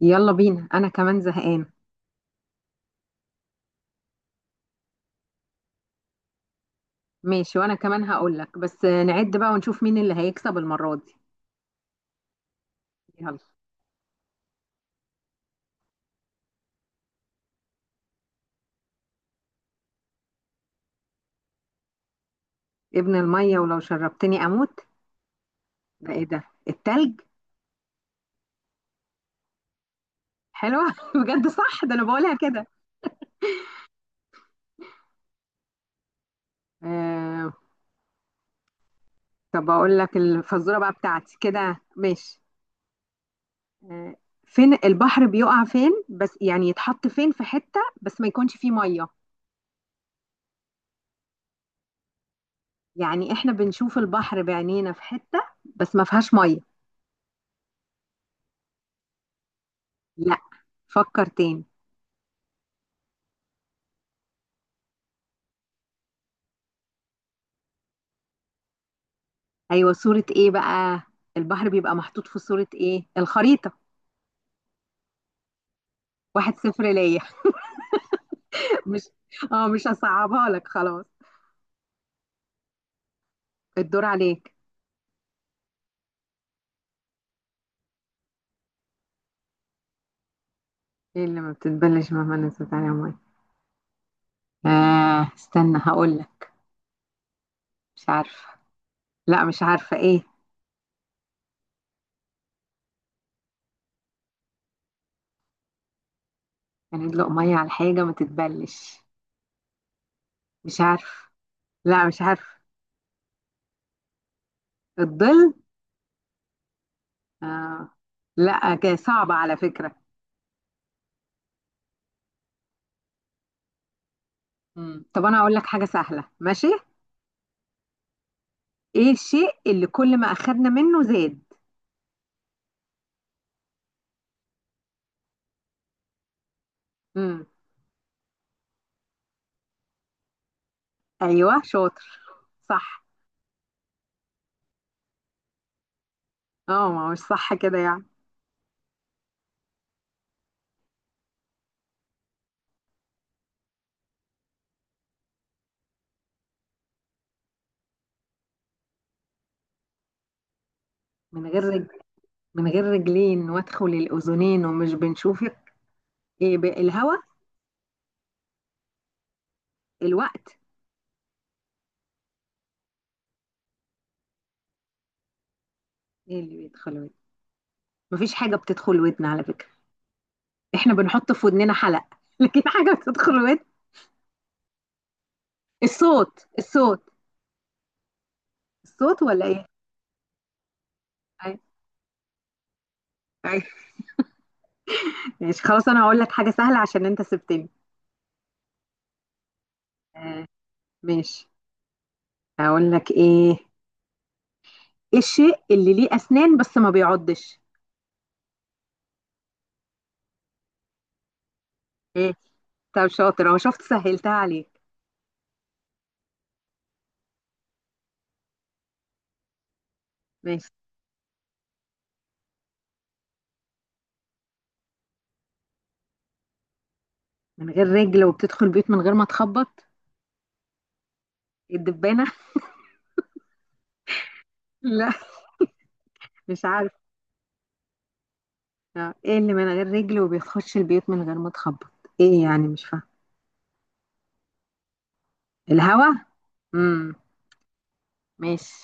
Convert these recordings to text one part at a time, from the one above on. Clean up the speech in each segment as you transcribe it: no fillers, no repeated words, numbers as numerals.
يلا بينا، انا كمان زهقان. ماشي، وانا كمان هقول لك، بس نعد بقى ونشوف مين اللي هيكسب المرة دي. يلا. ابن المية ولو شربتني اموت. ده ايه ده؟ التلج. حلوة بجد، صح، ده انا بقولها كده. آه. طب اقول لك الفزورة بقى بتاعتي كده؟ ماشي. آه، فين البحر بيقع، فين بس؟ يعني يتحط فين، في حتة بس ما يكونش فيه مية. يعني احنا بنشوف البحر بعينينا في حتة بس ما فيهاش مية. لا، فكر تاني. ايوه، صورة ايه بقى؟ البحر بيبقى محطوط في صورة ايه؟ الخريطة. واحد صفر ليا. مش اه مش هصعبها لك، خلاص. الدور عليك. ايه اللي ما بتتبلش مهما نزلت عليها ميه؟ آه، استنى هقول لك. مش عارفة. لا، مش عارفة، ايه؟ يعني ادلق ميه على حاجة ما تتبلش؟ مش عارفة. لا مش عارفة. الظل؟ آه. لا كده صعبة على فكرة. طب انا هقول لك حاجة سهلة، ماشي؟ ايه الشيء اللي كل ما اخدنا منه زاد؟ مم. ايوه شاطر، صح. اه، ما هو مش صح كده يعني. من غير رج... من غير رجلين وادخل الاذنين ومش بنشوف، ايه بقى؟ الهوا. الوقت. ايه اللي بيدخل ودن؟ مفيش حاجه بتدخل ودن على فكره، احنا بنحط في ودننا حلق لكن حاجه بتدخل ودن؟ الصوت. الصوت ولا ايه؟ أي- أي. ماشي خلاص، انا هقول لك حاجه سهله عشان انت سبتني. آه. ماشي. هقول لك ايه؟ ايه الشيء اللي ليه اسنان بس ما بيعضش؟ ايه؟ طب شاطر، اهو شفت سهلتها عليك. ماشي. من غير رجل وبتدخل بيوت من غير ما تخبط؟ إيه؟ الدبانة؟ لا. مش عارف. آه، ايه اللي من غير رجل وبيخش البيوت من غير ما تخبط؟ ايه يعني؟ مش فاهم. الهوا. امم ماشي.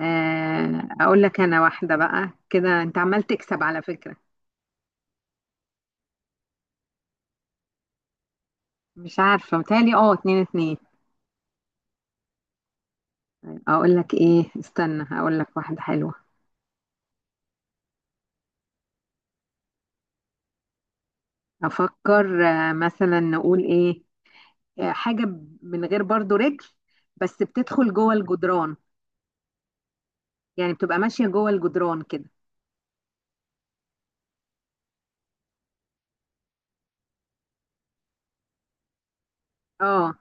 آه، اقول لك انا واحدة بقى كده، انت عمال تكسب على فكرة. مش عارفة، متهيألي اه، اتنين اتنين. اقول لك ايه، استنى اقول لك واحدة حلوة. افكر. آه، مثلا نقول ايه؟ آه، حاجة من غير برضو رجل، بس بتدخل جوه الجدران. يعني بتبقى ماشية جوه الجدران كده. اه،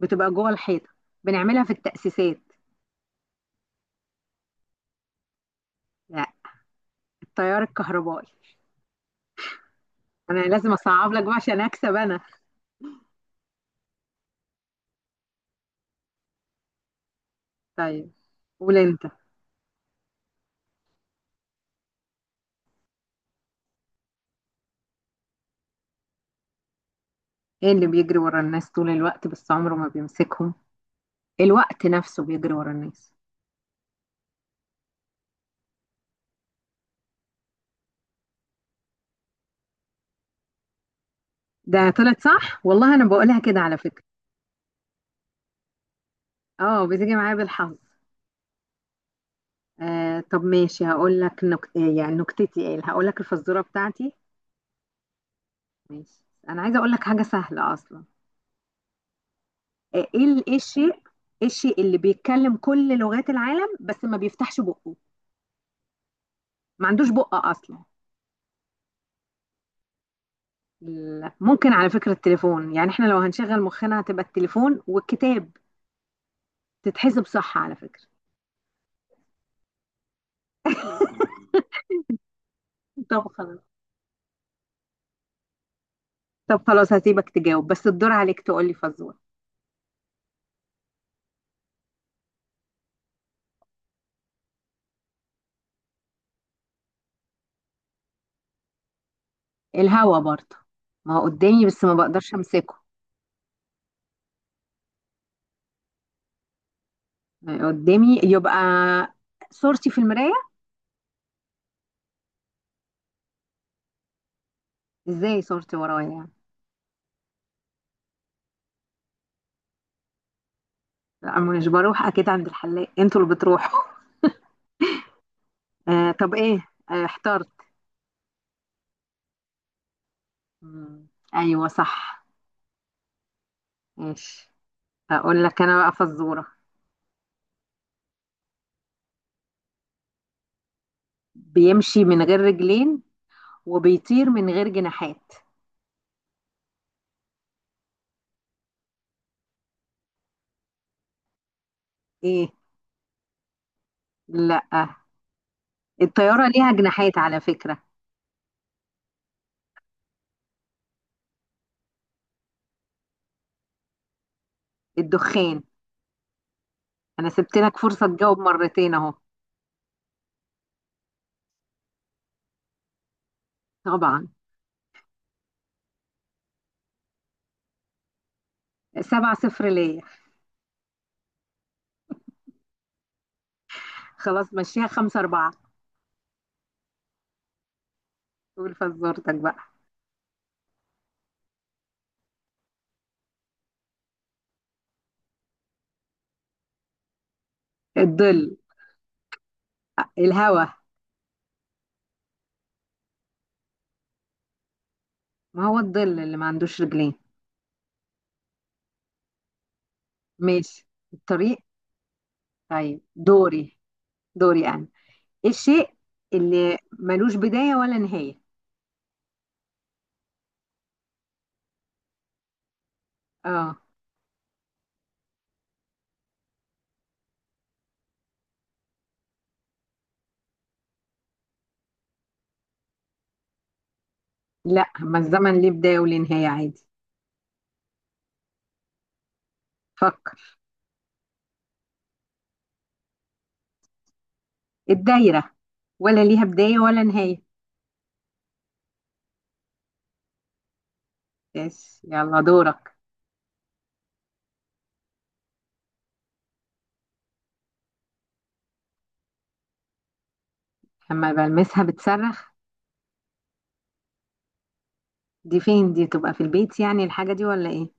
بتبقى جوه الحيطه. بنعملها في التأسيسات. لا، التيار الكهربائي. انا لازم اصعب لك بقى عشان اكسب انا. طيب قول انت. ايه اللي بيجري ورا الناس طول الوقت بس عمره ما بيمسكهم؟ الوقت نفسه بيجري ورا الناس. ده طلعت صح والله، انا بقولها كده على فكرة. اه بتيجي معايا بالحظ. آه، طب ماشي هقول لك إيه يعني نكتتي، ايه هقول لك الفزورة بتاعتي. ماشي. انا عايزة اقول لك حاجة سهلة اصلا. آه، ايه الشيء، ايه الشيء اللي بيتكلم كل لغات العالم بس ما بيفتحش بقه؟ ما عندوش بق اصلا. ممكن على فكرة التليفون، يعني احنا لو هنشغل مخنا هتبقى التليفون والكتاب. تتحسب صح على فكرة؟ طب خلاص. طب خلاص هسيبك تجاوب، بس الدور عليك تقولي فزورة. الهوا برضه. ما هو قدامي بس ما بقدرش امسكه. قدامي يبقى، صورتي في المراية. ازاي صورتي ورايا يعني؟ لا، أنا مش بروح اكيد عند الحلاق، انتوا اللي بتروحوا. آه، طب ايه، آه احترت. مم. ايوه صح. ماشي. هقول لك انا بقى فزورة. بيمشي من غير رجلين وبيطير من غير جناحات. ايه؟ لا، الطيارة ليها جناحات على فكرة. الدخان. انا سبت لك فرصة تجاوب مرتين اهو. طبعا. سبعة صفر ليا. خلاص مشيها، خمسة أربعة. قول فزورتك بقى. الظل. الهوا. ما هو الظل اللي ما عندوش رجلين. ماشي. الطريق. طيب دوري، دوري أنا. الشيء اللي ملوش بداية ولا نهاية. اه. لا، ما الزمن ليه بداية وليه نهاية عادي. فكر. الدايرة، ولا ليها بداية ولا نهاية. بس يلا دورك. لما بلمسها بتصرخ؟ دي فين دي، تبقى في البيت يعني الحاجة دي ولا ايه؟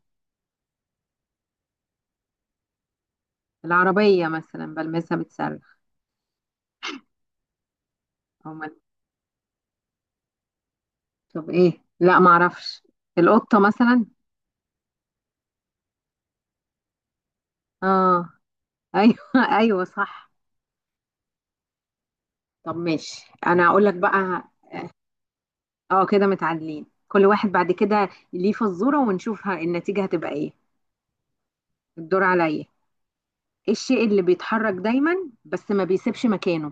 العربية مثلا بلمسها بتصرخ؟ او ما طب ايه، لا ما اعرفش. القطة مثلا؟ اه. ايوه ايوه صح. طب ماشي، انا هقول لك بقى. اه كده متعادلين، كل واحد بعد كده ليه فزورة، ونشوف النتيجة هتبقى ايه. الدور عليا. ايه الشيء اللي بيتحرك دايما بس ما بيسيبش مكانه؟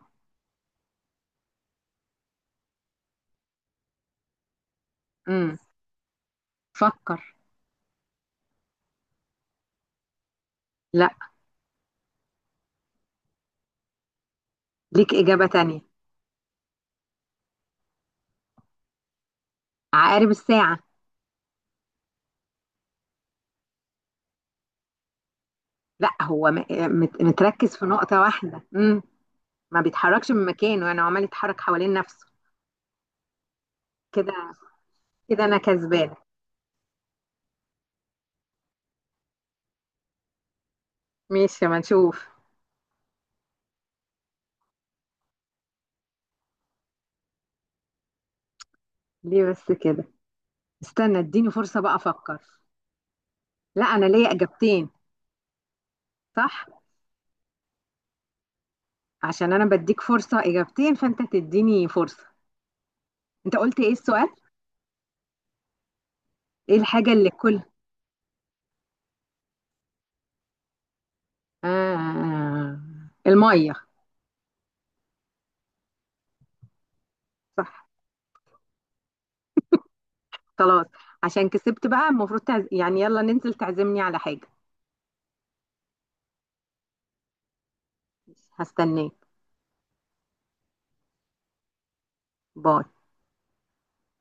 امم فكر. لا، ليك إجابة تانية. عقارب الساعة. لا، هو متركز في نقطة واحدة. ما بيتحركش من مكانه، انا عمال يتحرك حوالين نفسه. كده، كده انا كسبانة. ماشي ما نشوف. ليه بس كده؟ استنى اديني فرصة بقى افكر. لا، انا ليا اجابتين. صح. عشان انا بديك فرصة اجابتين فانت تديني فرصة. انت قلت ايه السؤال؟ ايه الحاجة اللي كل، آه المية. صح. خلاص. عشان كسبت بقى المفروض يعني يلا ننزل تعزمني على حاجة. هستناك. باي.